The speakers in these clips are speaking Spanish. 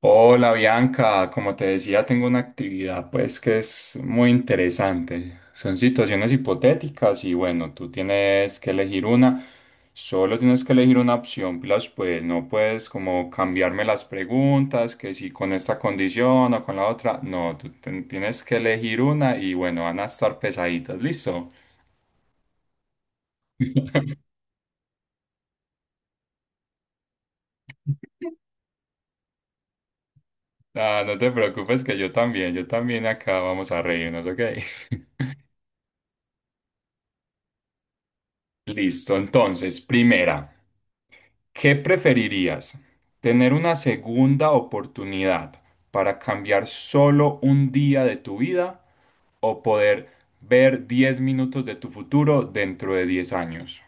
Hola Bianca, como te decía, tengo una actividad pues que es muy interesante. Son situaciones hipotéticas y bueno, tú tienes que elegir una, solo tienes que elegir una opción, plus pues no puedes como cambiarme las preguntas, que si con esta condición o con la otra, no, tú tienes que elegir una y bueno, van a estar pesaditas, ¿listo? Ah, no te preocupes que yo también acá vamos a reírnos, ¿ok? Listo, entonces, primera. ¿Qué preferirías? ¿Tener una segunda oportunidad para cambiar solo un día de tu vida, o poder ver 10 minutos de tu futuro dentro de 10 años?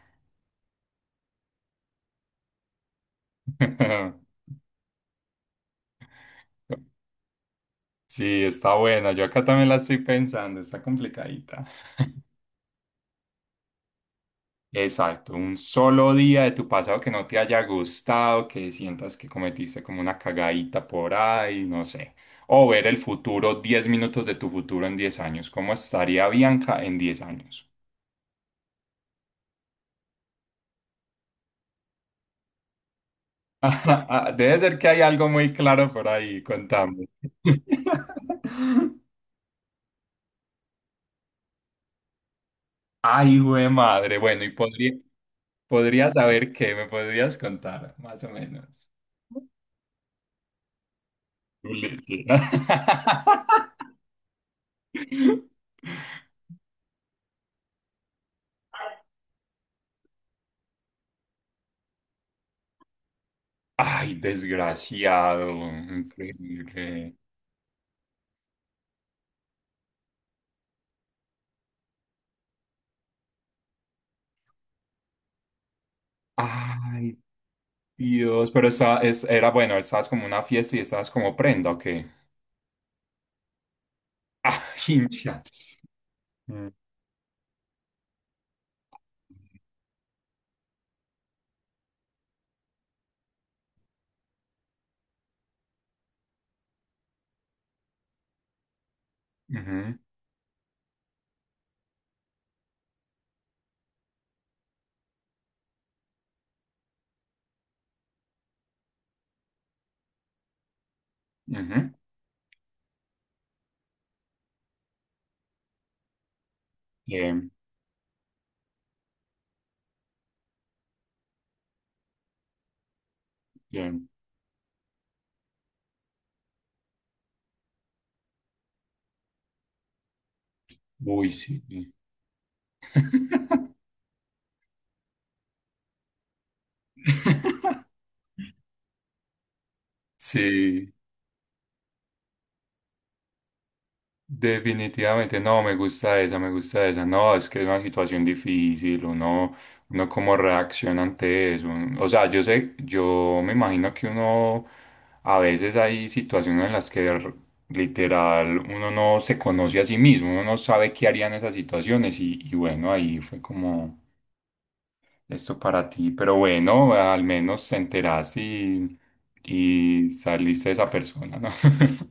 Sí, está buena. Yo acá también la estoy pensando, está complicadita. Exacto, un solo día de tu pasado que no te haya gustado, que sientas que cometiste como una cagadita por ahí, no sé. O ver el futuro, 10 minutos de tu futuro en 10 años. ¿Cómo estaría Bianca en 10 años? Ajá, ah, debe ser que hay algo muy claro por ahí, contame. Ay, güey, madre. Bueno, y podrías saber qué, me podrías contar, más o menos. Sí. Ay, desgraciado, increíble. Ay, Dios, pero era bueno, estabas como una fiesta y estabas como prenda, ¿o qué? Ah, hincha. Mm, ujú, ujú. Bien, bien. Uy, sí. Sí. Definitivamente, no, me gusta esa, me gusta esa. No, es que es una situación difícil, uno, cómo reacciona ante eso. O sea, yo sé, yo me imagino que uno, a veces hay situaciones en las que literal uno no se conoce a sí mismo, uno no sabe qué haría en esas situaciones y, bueno, ahí fue como esto para ti. Pero bueno, al menos te enteraste y saliste de esa persona, ¿no?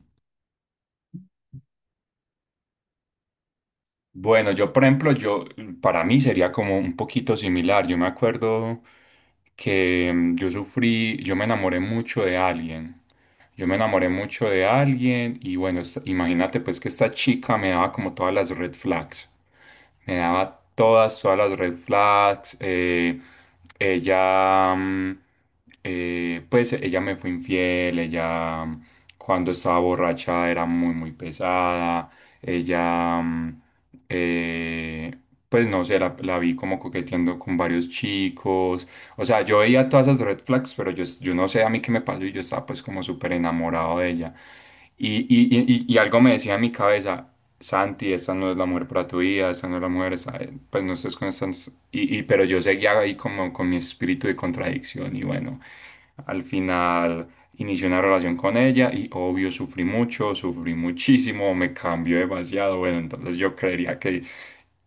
Bueno, yo por ejemplo, yo para mí sería como un poquito similar. Yo me acuerdo que yo me enamoré mucho de alguien. Yo me enamoré mucho de alguien y bueno, imagínate pues que esta chica me daba como todas las red flags. Me daba todas las red flags. Ella, mm, pues ella me fue infiel, cuando estaba borracha era muy, muy pesada. Ella, mm, eh, pues no sé, la vi como coqueteando con varios chicos. O sea, yo veía todas esas red flags, pero yo no sé a mí qué me pasó y yo estaba pues como súper enamorado de ella. Y algo me decía en mi cabeza, Santi, esta no es la mujer para tu vida, esta no es la mujer, pues no estés con estas... Pero yo seguía ahí como con mi espíritu de contradicción y bueno, al final... Inicié una relación con ella y obvio sufrí mucho, sufrí muchísimo, me cambió demasiado. Bueno, entonces yo creería que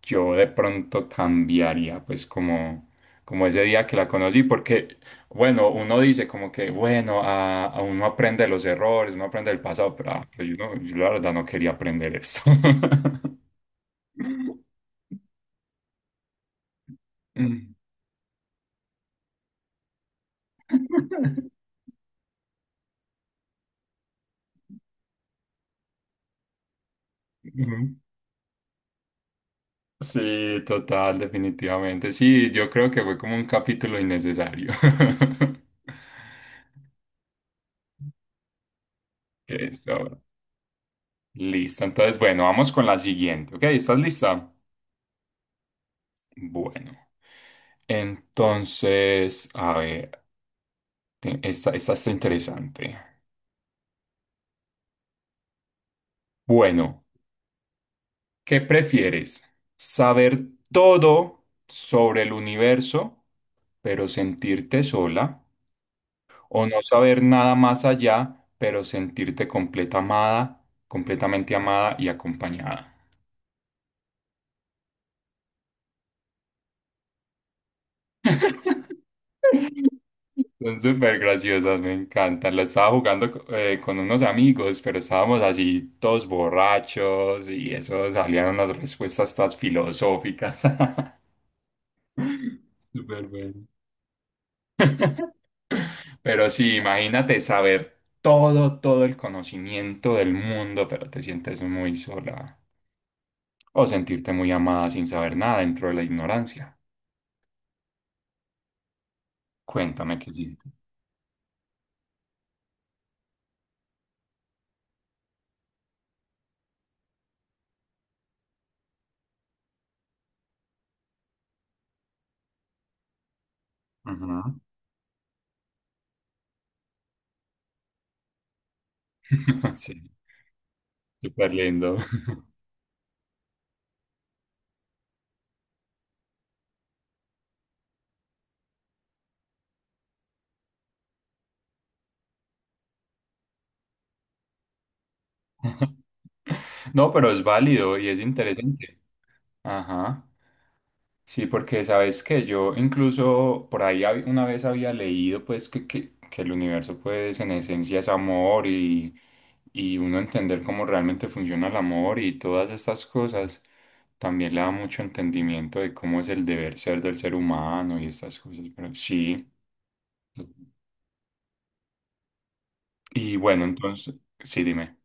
yo de pronto cambiaría, pues como, ese día que la conocí, porque, bueno, uno dice como que, bueno, a uno aprende de los errores, uno aprende del pasado, pero yo, yo la verdad no quería aprender esto. Mm. Ujú. Sí, total, definitivamente. Sí, yo creo que fue como un capítulo innecesario. Eso. Listo. Entonces, bueno, vamos con la siguiente. ¿Ok? ¿Estás lista? Bueno. Entonces, a ver, esta está interesante. Bueno, ¿qué prefieres? ¿Saber todo sobre el universo, pero sentirte sola, o no saber nada más allá, pero sentirte completamente amada y acompañada? Son súper graciosas, me encantan. La estaba jugando con unos amigos, pero estábamos así todos borrachos y eso salían unas respuestas tan filosóficas. Súper bueno. Pero sí, imagínate saber todo, el conocimiento del mundo, pero te sientes muy sola. O sentirte muy amada sin saber nada dentro de la ignorancia. Cuéntame qué sientes. Ujú. Sí, súper lindo. No, pero es válido y es interesante. Ajá. Sí, porque sabes que yo incluso por ahí una vez había leído pues que el universo pues en esencia es amor y uno entender cómo realmente funciona el amor y todas estas cosas también le da mucho entendimiento de cómo es el deber ser del ser humano y estas cosas, pero sí. Y bueno, entonces, sí, dime.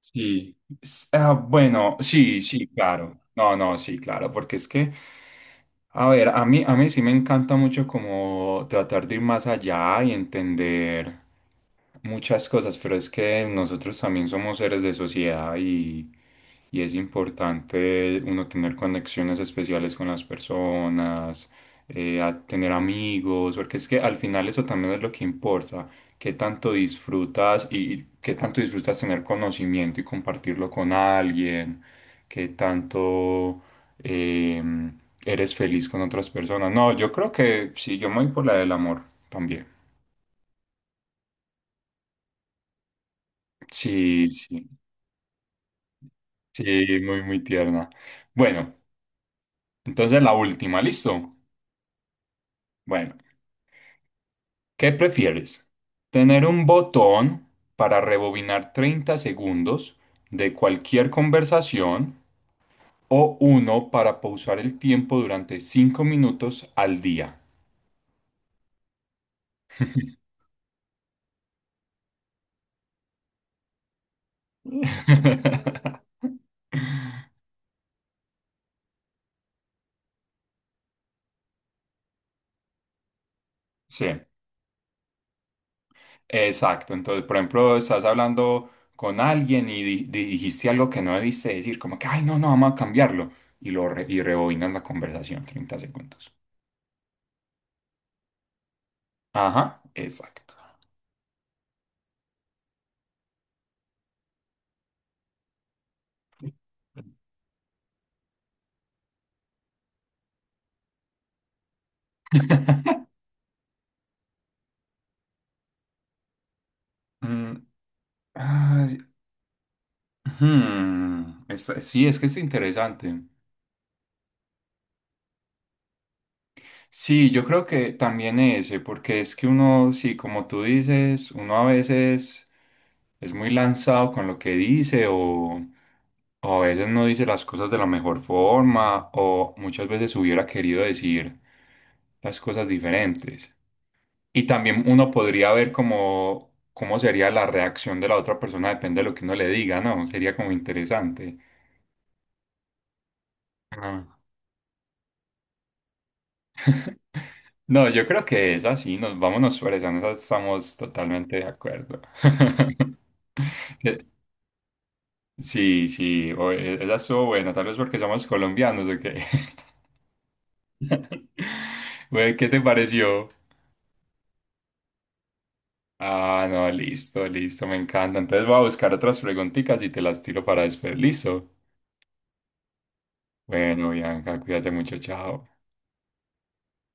Sí, bueno, sí, sí, claro. No, no, sí, claro, porque es que, a ver, a mí sí me encanta mucho como tratar de ir más allá y entender muchas cosas, pero es que nosotros también somos seres de sociedad y es importante uno tener conexiones especiales con las personas, a tener amigos, porque es que al final eso también es lo que importa. ¿Qué tanto disfrutas y qué tanto disfrutas tener conocimiento y compartirlo con alguien? ¿Qué tanto eh, eres feliz con otras personas? No, yo creo que sí, yo me voy por la del amor también. Sí, sí, sí, muy, muy tierna. Bueno, entonces la última, ¿listo? Bueno, ¿qué prefieres? ¿Tener un botón para rebobinar 30 segundos de cualquier conversación, o uno para pausar el tiempo durante 5 minutos al día? Sí, exacto. Entonces, por ejemplo, estás hablando con alguien y dijiste algo que no debiste decir, como que, ay, no, no, vamos a cambiarlo. Y rebobinas la conversación 30 segundos. Ajá, exacto. Mm, ay, sí, es que es interesante. Sí, yo creo que también ese, porque es que uno, sí, como tú dices, uno a veces es muy lanzado con lo que dice o, a veces no dice las cosas de la mejor forma o muchas veces hubiera querido decir las cosas diferentes. Y también uno podría ver cómo sería la reacción de la otra persona, depende de lo que uno le diga, ¿no? Sería como interesante. Ah. No, yo creo que es así, vámonos por esa, en esa estamos totalmente de acuerdo. Que- Sí, sí, esa estuvo buena, tal vez porque somos colombianos o qué. Güey, ¿qué te pareció? Ah, no, listo, listo, me encanta. Entonces voy a buscar otras preguntitas y te las tiro para después, listo. Bueno, Bianca, cuídate mucho, chao.